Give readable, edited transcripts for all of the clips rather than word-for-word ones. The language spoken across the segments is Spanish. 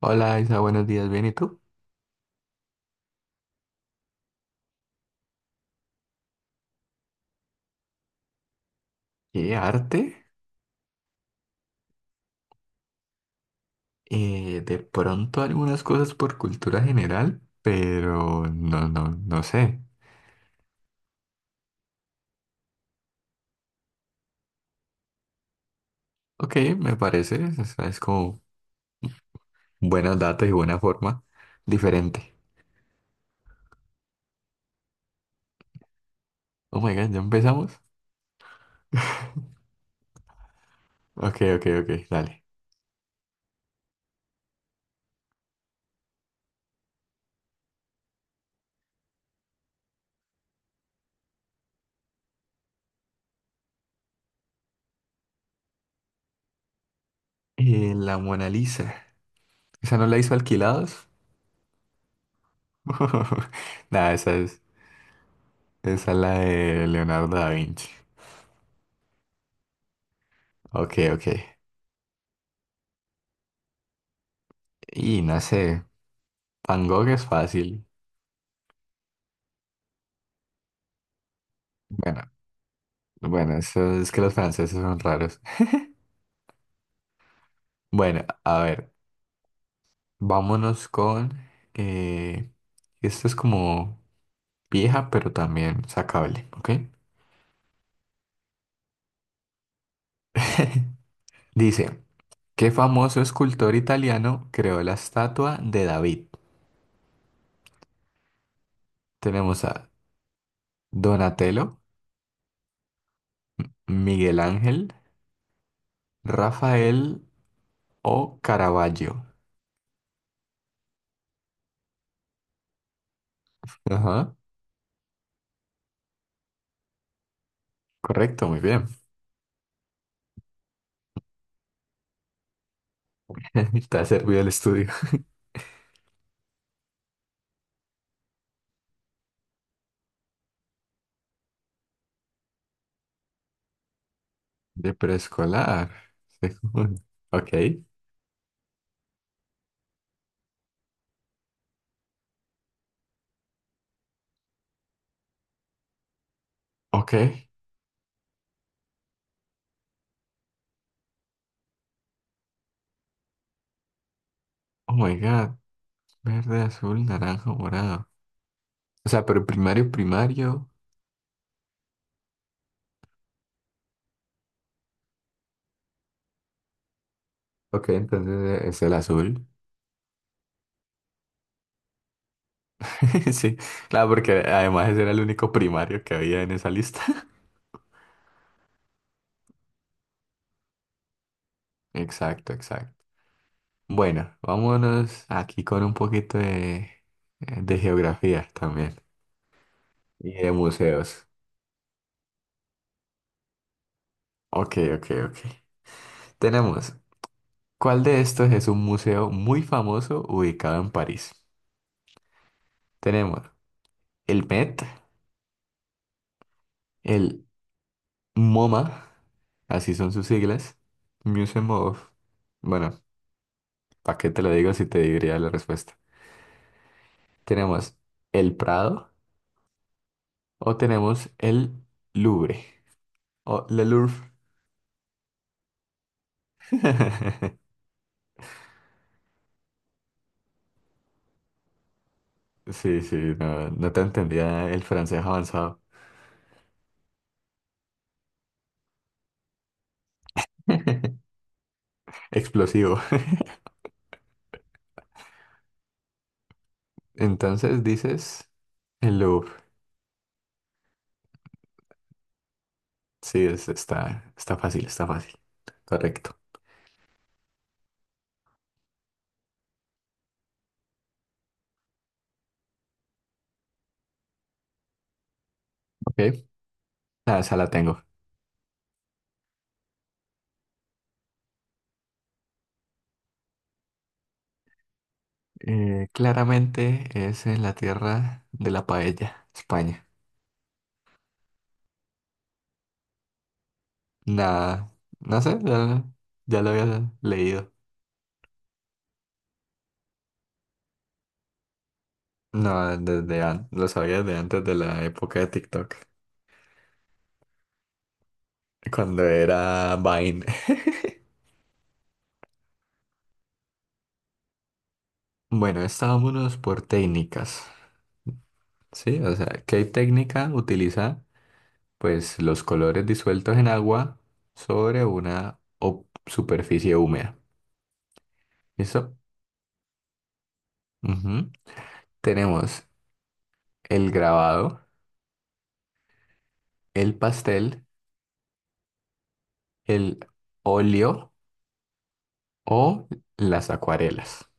Hola Isa, buenos días, ¿bien y tú? ¿Qué arte? De pronto algunas cosas por cultura general, pero no sé. Ok, me parece, o sea, es como buenos datos y buena forma, diferente. Oh my God, ¿ya empezamos? Ok, dale. La Mona Lisa, ¿esa no la hizo Alquilados? Nada, esa es la de Leonardo da Vinci. Ok, ok. Y no sé, Van Gogh es fácil. Bueno. Bueno, eso es que los franceses son raros. Bueno, a ver, vámonos con... eh, esto es como vieja, pero también sacable, ¿ok? Dice, ¿qué famoso escultor italiano creó la estatua de David? Tenemos a Donatello, Miguel Ángel, Rafael o Caravaggio. Ajá, correcto, muy bien. Te ha servido el estudio. De preescolar. Ok, ok. Oh my God. Verde, azul, naranja, morado. O sea, pero primario, primario. Ok, entonces es el azul. Sí, claro, porque además ese era el único primario que había en esa lista. Exacto, exacto. Bueno, vámonos aquí con un poquito de de geografía también y de museos. Ok, ok, ok. Tenemos, ¿cuál de estos es un museo muy famoso ubicado en París? Tenemos el Met, el MoMA, así son sus siglas, Museum of... Bueno, ¿para qué te lo digo si te diría la respuesta? Tenemos el Prado o tenemos el Louvre o Le Louvre. Sí, no, no te entendía el francés avanzado. Explosivo. Entonces dices el Louvre. Sí, está, está fácil, está fácil. Correcto. Ok, ah, esa la tengo. Claramente es en la tierra de la paella, España. Nada, no sé, ya lo había leído. No, lo sabía desde antes de la época de TikTok, cuando era Vine. Bueno, estábamos por técnicas, ¿sí? O sea, ¿qué técnica utiliza? Pues los colores disueltos en agua sobre una superficie húmeda. ¿Listo? Ujú. Tenemos el grabado, el pastel, el óleo o las acuarelas.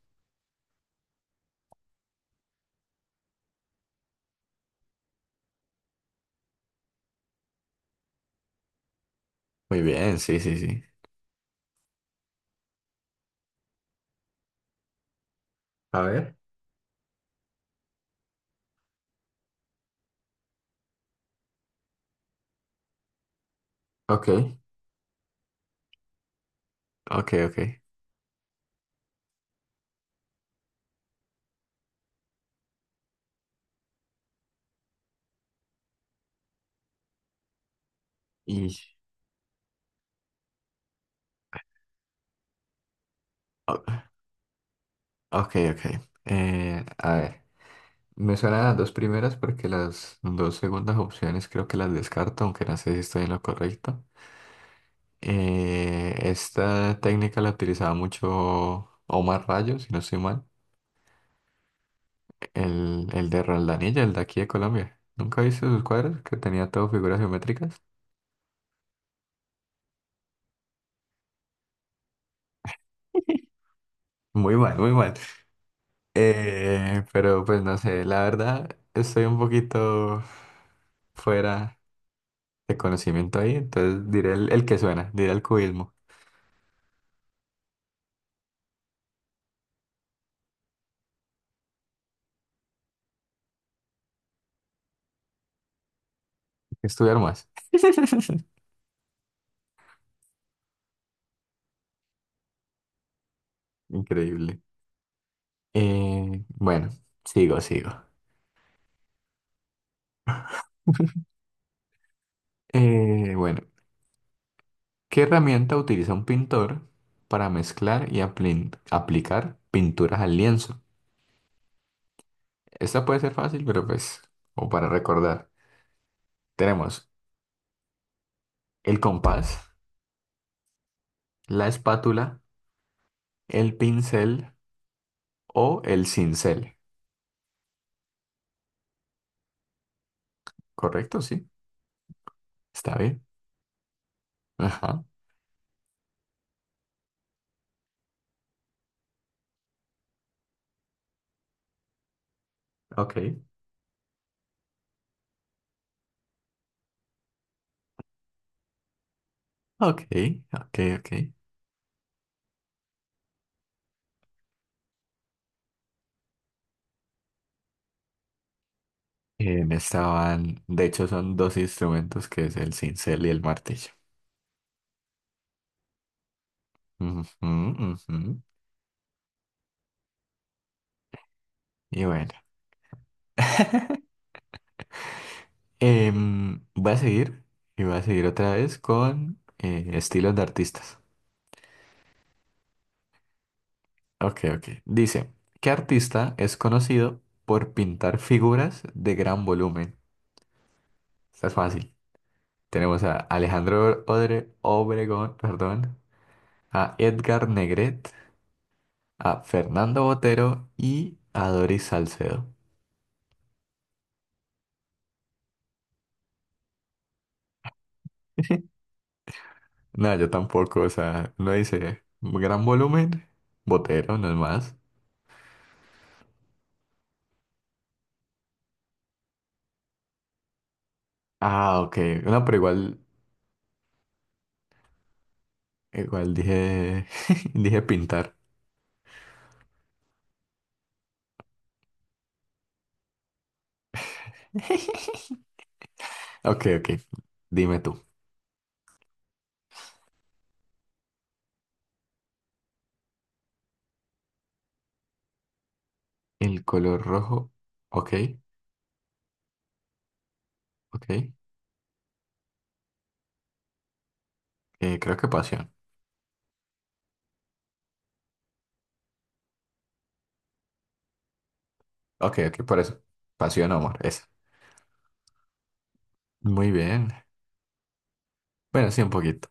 Muy bien, sí, sí, sí. A ver. Ok, ok, ok. Y... o- Ok, ok. A ver, me suenan las dos primeras porque las dos segundas opciones creo que las descarto, aunque no sé si estoy en lo correcto. Esta técnica la utilizaba mucho Omar Rayo, si no estoy mal, el de Roldanilla, el de aquí de Colombia. ¿Nunca viste sus cuadros que tenía todo figuras geométricas? Muy mal, muy mal. Pero pues no sé, la verdad estoy un poquito fuera de conocimiento ahí, entonces diré el que suena, diré el cubismo, hay que estudiar más. Increíble. Bueno, sigo. Bueno, ¿qué herramienta utiliza un pintor para mezclar y aplicar pinturas al lienzo? Esta puede ser fácil, pero pues, o para recordar. Tenemos el compás, la espátula, el pincel o el cincel. ¿Correcto? Sí. Está bien. Ajá. Ok. Ok. Ok. Ok. Me estaban. De hecho, son dos instrumentos que es el cincel y el martillo. Ujú, ujú. Y bueno. Em, voy a seguir. Y voy a seguir otra vez con estilos de artistas. Ok, ok. Dice, ¿qué artista es conocido por pintar figuras de gran volumen? Esta es fácil. Tenemos a Obregón, perdón, a Edgar Negret, a Fernando Botero y a Doris Salcedo. No, yo tampoco, o sea, no dice gran volumen, Botero, no es más. Ah, ok, no, pero igual, igual dije, dije pintar. Ok, ok, dime tú. El color rojo, ok, ok, creo que pasión. Ok, ok, por eso, pasión, amor, esa. Muy bien, bueno, sí, un poquito.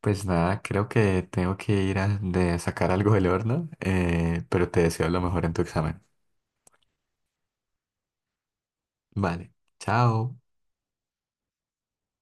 Pues nada, creo que tengo que ir a de sacar algo del horno, pero te deseo lo mejor en tu examen. Vale, chao.